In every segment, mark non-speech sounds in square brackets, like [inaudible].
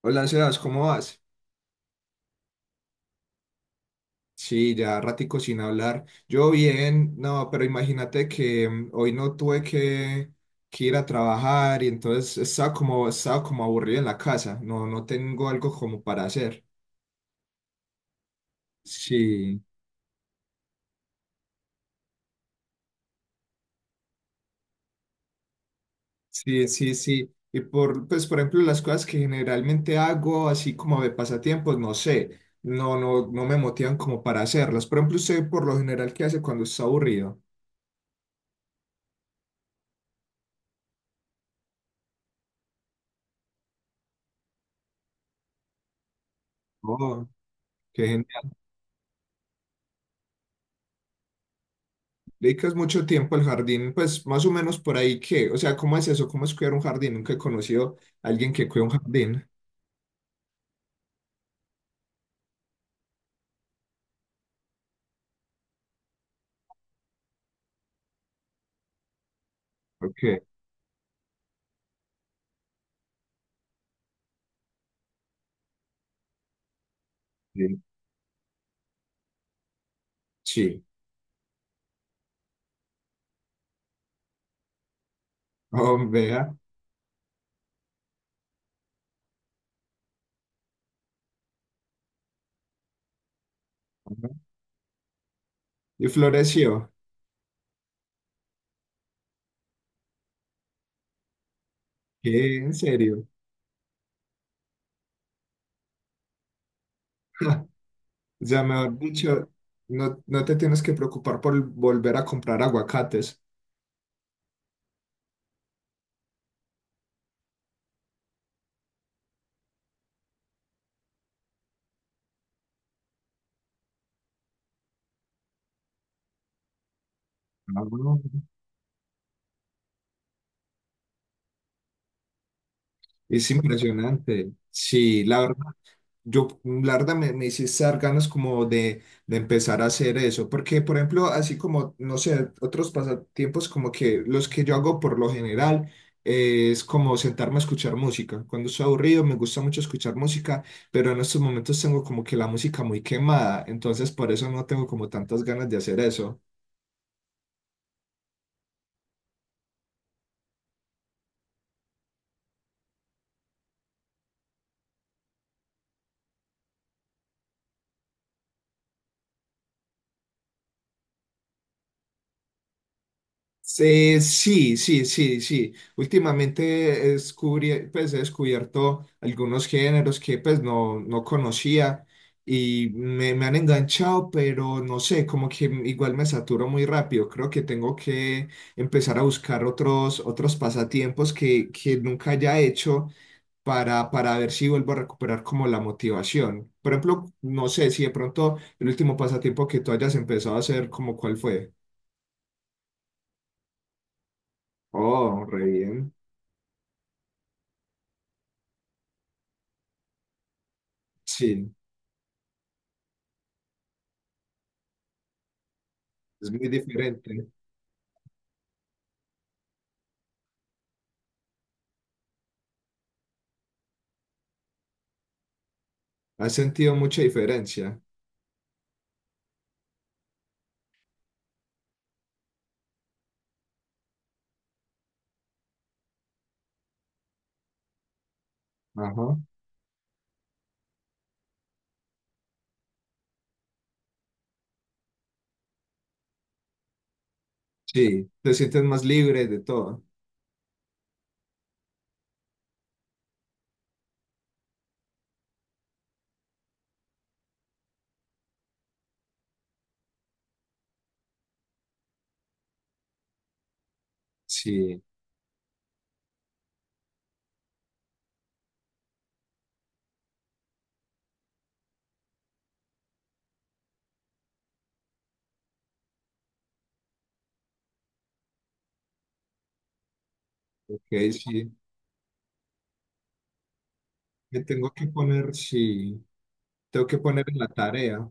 Hola, Sebas, ¿cómo vas? Sí, ya ratico sin hablar. Yo bien, no, pero imagínate que hoy no tuve que ir a trabajar y entonces estaba estaba como aburrido en la casa. No tengo algo como para hacer. Sí, sí, sí, sí. Y por ejemplo, las cosas que generalmente hago, así como de pasatiempos, no sé, no me motivan como para hacerlas. Por ejemplo, usted por lo general, ¿qué hace cuando está aburrido? Oh, qué. Dedicas mucho tiempo al jardín, pues más o menos por ahí que, o sea, ¿cómo es eso? ¿Cómo es cuidar un jardín? Nunca he conocido a alguien que cuida un jardín. Ok, sí, sí. Oh, vea. Ajá. Y floreció. ¿Qué? ¿En serio? O sea, mejor dicho, no, no te tienes que preocupar por volver a comprar aguacates. Ah, bueno. Es impresionante. Sí, la verdad. Yo, la verdad, me hiciste dar ganas como de empezar a hacer eso, porque, por ejemplo, así como, no sé, otros pasatiempos como que los que yo hago por lo general es como sentarme a escuchar música. Cuando estoy aburrido, me gusta mucho escuchar música, pero en estos momentos tengo como que la música muy quemada, entonces por eso no tengo como tantas ganas de hacer eso. Sí, sí, sí, sí. Últimamente descubrí, pues, he descubierto algunos géneros que pues no conocía y me han enganchado, pero no sé, como que igual me saturo muy rápido. Creo que tengo que empezar a buscar otros pasatiempos que nunca haya hecho para ver si vuelvo a recuperar como la motivación. Por ejemplo, no sé si de pronto el último pasatiempo que tú hayas empezado a hacer, como cuál fue. Oh, re bien. Sí. Es muy diferente. ¿Has sentido mucha diferencia? Ajá. Sí, te sientes más libre de todo. Sí, ok, sí. Me tengo que poner, sí, tengo que poner en la tarea.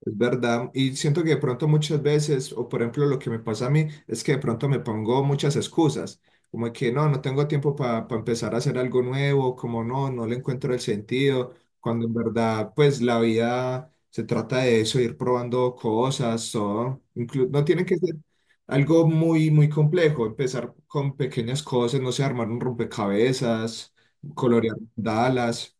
Es verdad, y siento que de pronto muchas veces, o por ejemplo lo que me pasa a mí, es que de pronto me pongo muchas excusas, como que no tengo tiempo para empezar a hacer algo nuevo, como no le encuentro el sentido, cuando en verdad pues la vida se trata de eso, ir probando cosas, todo, inclu- no tiene que ser algo muy complejo, empezar con pequeñas cosas, no sé, armar un rompecabezas, colorear mandalas,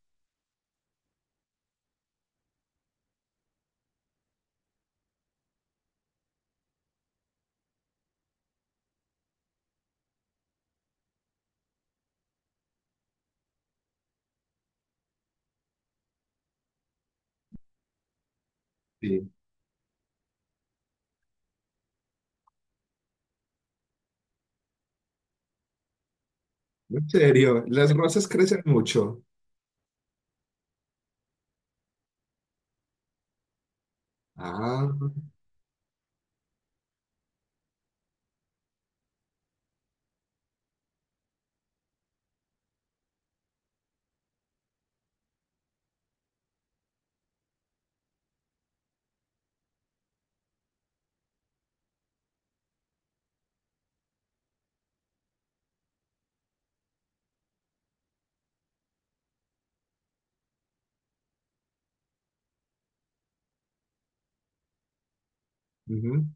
sí. En serio, las rosas crecen mucho. Ah. Ujú.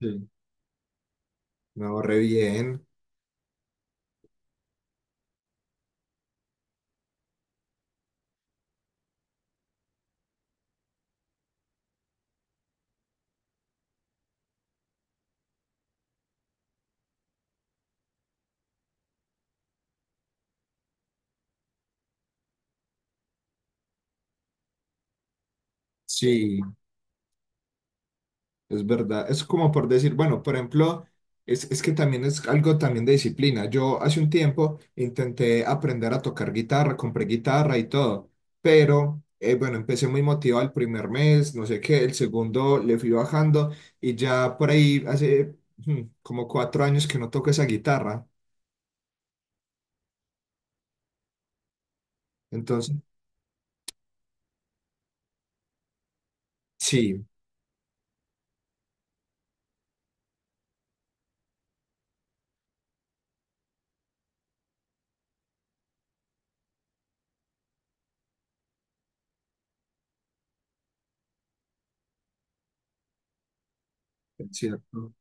Sí, me ahorré bien. Sí, es verdad. Es como por decir, bueno, por ejemplo, es que también es algo también de disciplina. Yo hace un tiempo intenté aprender a tocar guitarra, compré guitarra y todo, pero bueno, empecé muy motivado el primer mes, no sé qué, el segundo le fui bajando y ya por ahí hace como cuatro años que no toco esa guitarra. Entonces, sí, es cierto.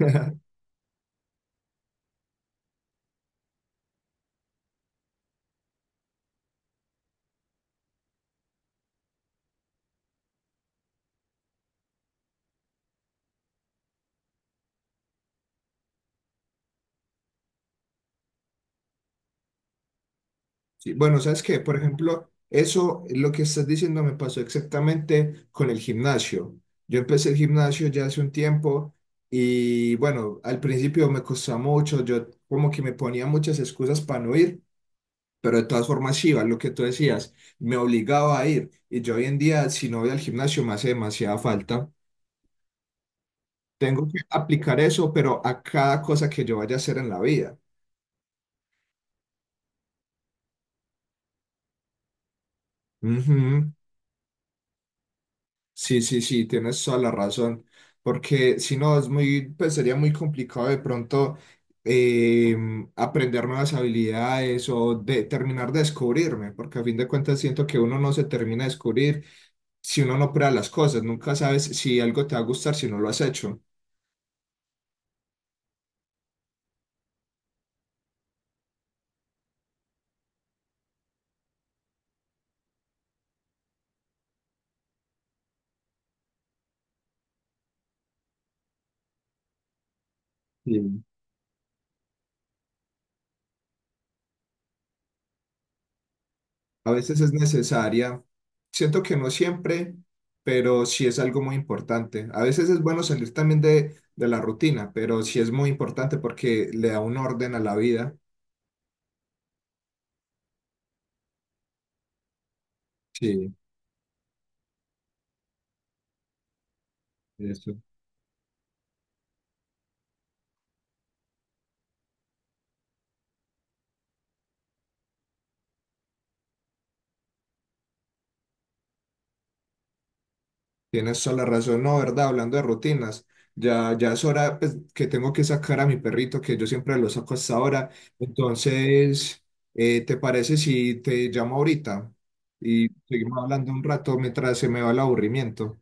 [laughs] Sí, bueno, ¿sabes qué? Por ejemplo, eso, lo que estás diciendo me pasó exactamente con el gimnasio. Yo empecé el gimnasio ya hace un tiempo y bueno, al principio me costó mucho, yo como que me ponía muchas excusas para no ir, pero de todas formas iba, lo que tú decías, me obligaba a ir y yo hoy en día si no voy al gimnasio me hace demasiada falta. Tengo que aplicar eso, pero a cada cosa que yo vaya a hacer en la vida. Ujú. Sí, sí, sí, tienes toda la razón, porque si no, es muy, pues sería muy complicado de pronto eh, aprender nuevas habilidades o de, terminar de descubrirme, porque a fin de cuentas siento que uno no se termina de descubrir si uno no prueba las cosas, nunca sabes si algo te va a gustar si no lo has hecho. Sí. A veces es necesaria, siento que no siempre, pero sí es algo muy importante. A veces es bueno salir también de la rutina, pero sí es muy importante porque le da un orden a la vida. Sí, eso. Tienes toda la razón, no, ¿verdad? Hablando de rutinas, ya es hora pues, que tengo que sacar a mi perrito, que yo siempre lo saco hasta ahora. Entonces, ¿te parece si te llamo ahorita y seguimos hablando un rato mientras se me va el aburrimiento?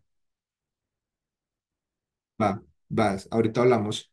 Va, vas, ahorita hablamos.